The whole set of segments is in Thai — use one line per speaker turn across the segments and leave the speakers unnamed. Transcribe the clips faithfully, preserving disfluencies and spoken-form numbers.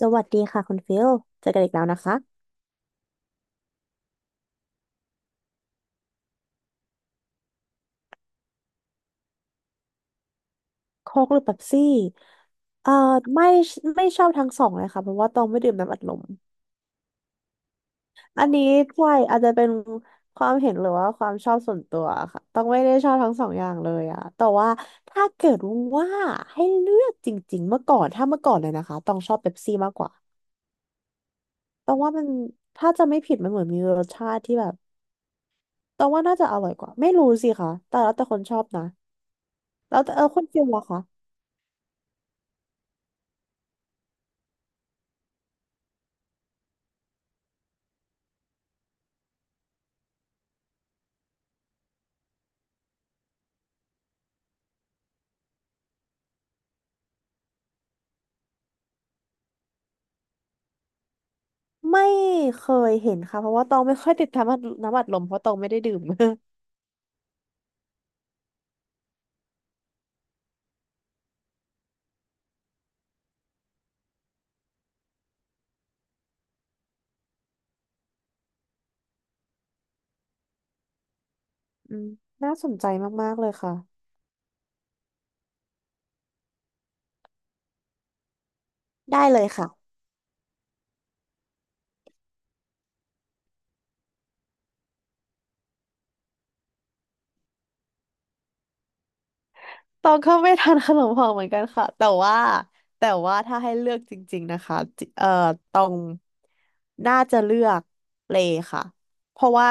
สวัสดีค่ะคุณฟิลเจอกันอีกแล้วนะคะโค้กหรือเป๊ปซี่เอ่อไม่ไม่ชอบทั้งสองเลยค่ะเพราะว่าตองไม่ดื่มน้ำอัดลมอันนี้ใช่อาจจะเป็นความเห็นหรือว่าความชอบส่วนตัวค่ะต้องไม่ได้ชอบทั้งสองอย่างเลยอะแต่ว่าถ้าเกิดว่าให้เลือกจริงๆเมื่อก่อนถ้าเมื่อก่อนเลยนะคะต้องชอบเป๊ปซี่มากกว่าต้องว่ามันถ้าจะไม่ผิดมันเหมือนมีรสชาติที่แบบต้องว่าน่าจะอร่อยกว่าไม่รู้สิคะแต่แล้วแต่คนชอบนะแล้วแต่เออคุณฟิลล่ะคะ ไม่เคยเห็นค่ะเพราะว่าตองไม่ค่อยติดตามน้ำอัดลมเพราะตองไม่ได้ดื่ม อืมน่าสนใจมากๆเลยค่ะได้เลยค่ะตองก็ไม่ทานขนมห่อเหมือนกันค่ะแต่ว่าแต่ว่าถ้าให้เลือกจริงๆนะคะจิเอ่อตองน่าจะเลือกเลค่ะเพราะว่า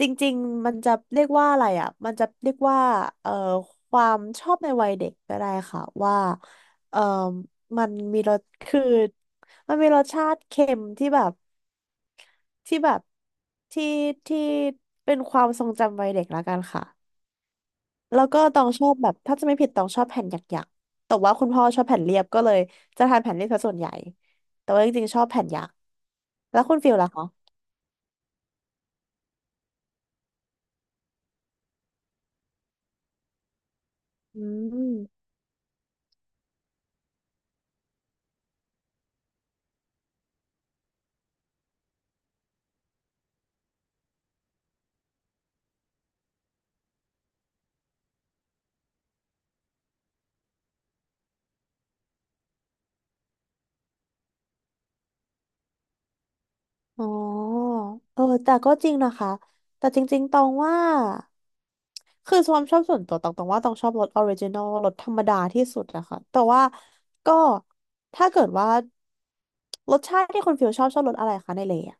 จริงๆมันจะเรียกว่าอะไรอ่ะมันจะเรียกว่าเอ่อความชอบในวัยเด็กก็ได้ค่ะว่าเอ่อมันมีรสคือมันมีรสชาติเค็มที่แบบ ที่แบบที่ที่เป็นความทรงจำวัยเด็กละกันค่ะแล้วก็ตองชอบแบบถ้าจะไม่ผิดตองชอบแผ่นหยักๆแต่ว่าคุณพ่อชอบแผ่นเรียบก็เลยจะทานแผ่นเรียบซะส่วนใหญ่แต่ว่าจริงๆชอบแผ่นหยักแล้วคุณฟิลล่ะคะอืม อ๋อเออแต่ก็จริงนะคะแต่จริงๆตองว่าคือความชอบส่วนตัวตองตองว่าตองชอบรถออริจินอลรถธรรมดาที่สุดนะคะแต่ว่าก็ถ้าเกิดว่ารสชาติที่คนฟิลชอบชอบรสอะไรคะในเลยอะ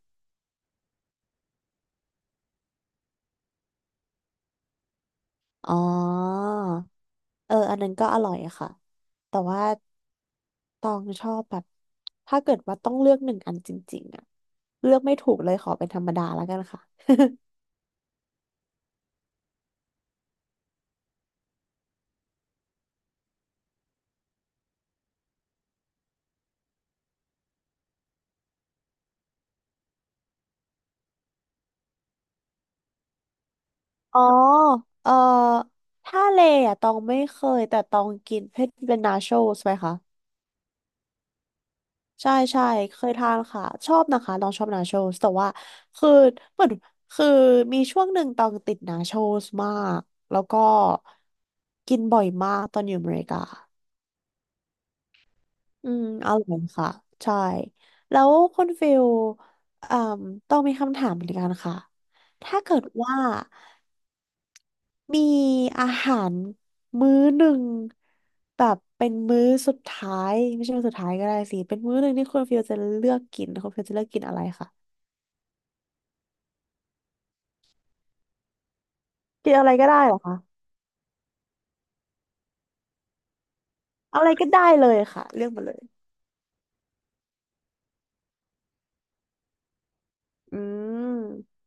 อ๋อเอออันนั้นก็อร่อยค่ะแต่ว่าตองชอบแบบถ้าเกิดว่าต้องเลือกหนึ่งอันจริงๆอะเลือกไม่ถูกเลยขอเป็นธรรมดาแล้วกันค่ะ อ๋อเอ่อถ้าเลอ่ะตองไม่เคยแต่ตองกินเพชรเป็นนาโชสไหมคะใช่ใช่เคยทานค่ะชอบนะคะตองชอบนาโชสแต่ว่าคือเหมือนคือมีช่วงหนึ่งตองติดนาโชสมากแล้วก็กินบ่อยมากตอนอยู่อเมริกาอืมอร่อยค่ะใช่แล้วคุณฟิลอ่อต้องมีคำถามเหมือนกันค่ะถ้าเกิดว่า มีอาหารมื้อหนึ่งแบบเป็นมื้อสุดท้ายไม่ใช่มื้อสุดท้ายก็ได้สิเป็นมื้อหนึ่งที่คุณฟิลจะเลือกกินคุณฟิลจะเลือกกินอะไรคะกินอะไรก็ได้เหรอคะเอาอะไรก็ได้เลยค่ะเลือกมาเลยอืม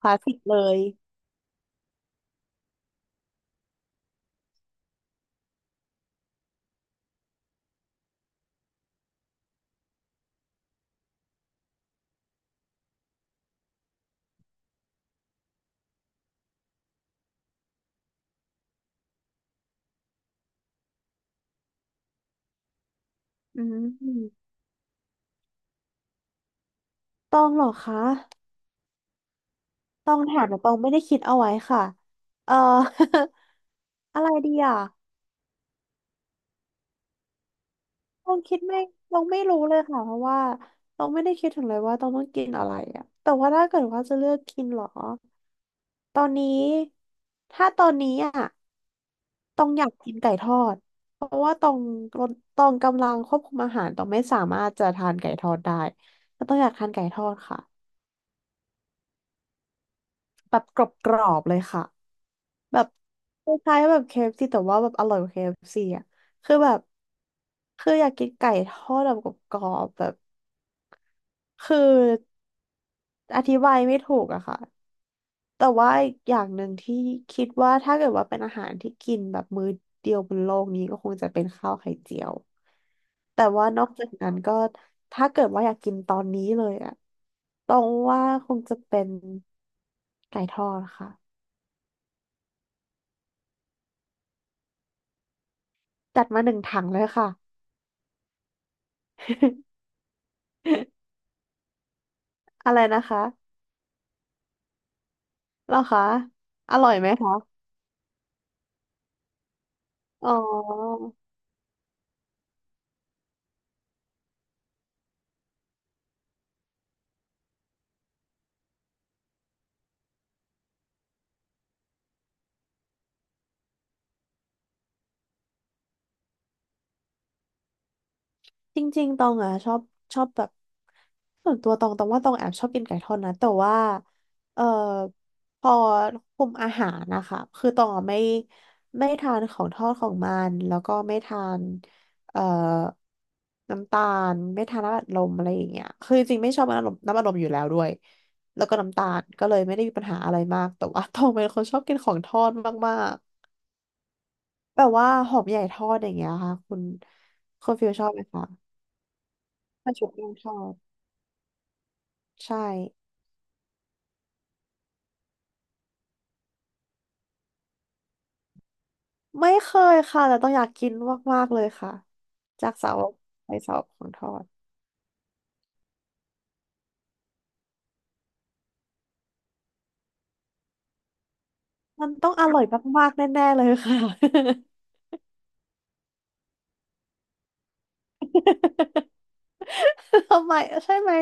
คลาสสิกเลยอืมต้องเหรอคะต้องถามแต่ตองไม่ได้คิดเอาไว้ค่ะเอ่อ อะไรดีอ่ะ ต้องคิดไม่ต้องไม่รู้เลยค่ะเพราะว่าต้องไม่ได้คิดถึงเลยว่าต้องต้องกินอะไรอะแต่ว่าถ้าเกิดว่าจะเลือกกินเหรอตอนนี้ถ้าตอนนี้อ่ะต้องอยากกินไก่ทอดเพราะว่าต้องต้องกำลังควบคุมอาหารต้องไม่สามารถจะทานไก่ทอดได้ก็ต้องอยากทานไก่ทอดค่ะแบบกรอบๆเลยค่ะแบบคล้ายๆแบบเคเอฟซีแต่ว่าแบบอร่อยกว่าเคเอฟ f ีอ่ะคือแบบคืออยากกินไก่ทอดแบบกรอบๆแบบ คืออธิบายไม่ถูกอะค่ะแต่ว่าอีกอย่างหนึ่งที่คิดว่าถ้าเกิดว่าเป็นอาหารที่กินแบบมื้อเดียวบนโลกนี้ก็คงจะเป็นข้าวไข่เจียวแต่ว่านอกจากนั้นก็ถ้าเกิดว่าอยากกินตอนนี้เลยอะต้องว่าคงจะเป็นไก่ทอดค่ะจัดมาหนึ่งถังเลยค่ะ อะไรนะคะเหรอคะอร่อยไหมคะอ๋อ จริงๆตองอ่ะชอบชอบแบบส่วนตัวตองตองว่าตองแอบชอบกินไก่ทอดนะแต่ว่าเอ่อพอคุมอาหารนะคะคือตองอะไม่ไม่ทานของทอดของมันแล้วก็ไม่ทานเอ่อน้ำตาลไม่ทานน้ำอัดลมอะไรอย่างเงี้ยคือจริงๆไม่ชอบน้ำอัดลมน้ำอัดลมอยู่แล้วด้วยแล้วก็น้ำตาลก็เลยไม่ได้มีปัญหาอะไรมากแต่ว่าตองเป็นคนชอบกินของทอดมากๆแบบว่าหอมใหญ่ทอดอย่างเงี้ยค่ะคุณคุณฟิลชอบไหมคะปลาชุบแป้งทอด ใช่ไม่เคยค่ะแต่ต้องอยากกินมากๆเลยค่ะจากเสาไปเสาของทอดมันต้องอร่อยมากๆแน่ๆเลยค่ะ ทำไมใช่ไหม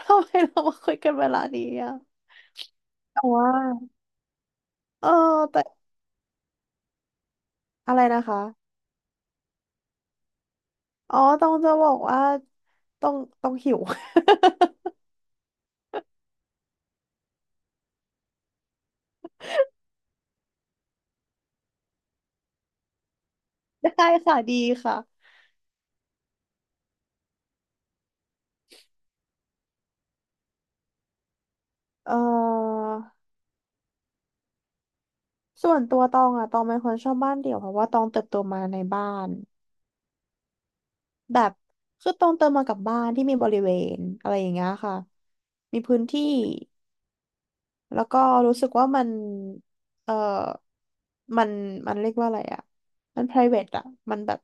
ทำไมเรามาคุยกันเวลานี้อ่ะแต่ว่าเออแต่อะไรนะคะอ๋อต้องจะบอกว่าต้องต้องหิว ได้ค่ะดีค่ะเออส่วนตัวตองอะตองเป็นคนชอบบ้านเดี่ยวเพราะว่าตองเติบโตมาในบ้าน แบบคือตรงเติมมากับบ้านที่มีบริเวณอะไรอย่างเงี้ยค่ะมีพื้นที่แล้วก็รู้สึกว่ามันเออมันมันเรียกว่าอะไรอะมัน ไพรเวท อะมันแบบ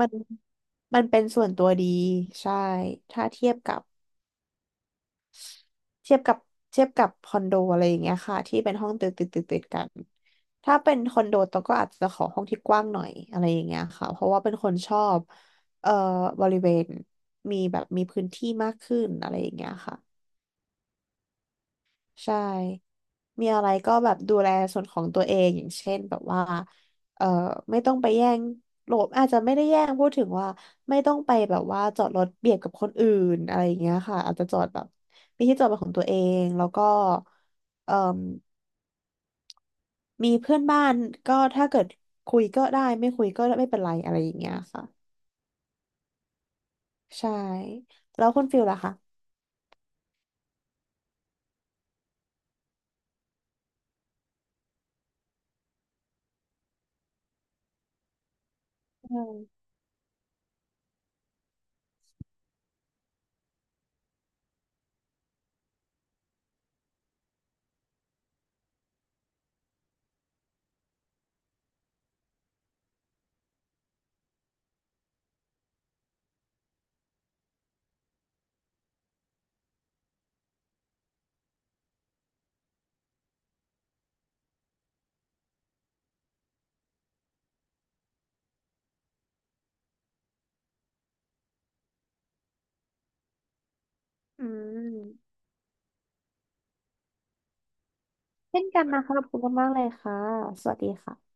มันมันเป็นส่วนตัวดีใช่ถ้าเทียบกับ เทียบกับเทียบกับคอนโดอะไรอย่างเงี้ยค่ะที่เป็นห้องติดติดติดติดกันถ้าเป็นคอนโดตองก็อาจจะขอห้องที่กว้างหน่อยอะไรอย่างเงี้ยค่ะเพราะว่าเป็นคนชอบเอ่อบริเวณมีแบบมีพื้นที่มากขึ้นอะไรอย่างเงี้ยค่ะ ใช่ มีอะไรก็แบบดูแลส่วนของตัวเองอย่างเช่นแบบว่าเอ่อไม่ต้องไปแย่งโลบอาจจะไม่ได้แย่งพูดถึงว่าไม่ต้องไปแบบว่าจอดรถเบียดกับคนอื่นอะไรอย่างเงี้ยค่ะอาจจะจอดแบบมีที่จอดเป็นของตัวเองแล้วก็เอ่มมีเพื่อนบ้านก็ถ้าเกิดคุยก็ได้ไม่คุยก็ไม่เป็นไรอะไรอย่างเงี้ยค่ะใช่แล้วคุณฟิลล่ะคะอืมอเช่นกันนะคะขอบคุณมากๆเลยค่ะสวัสดีค่ะ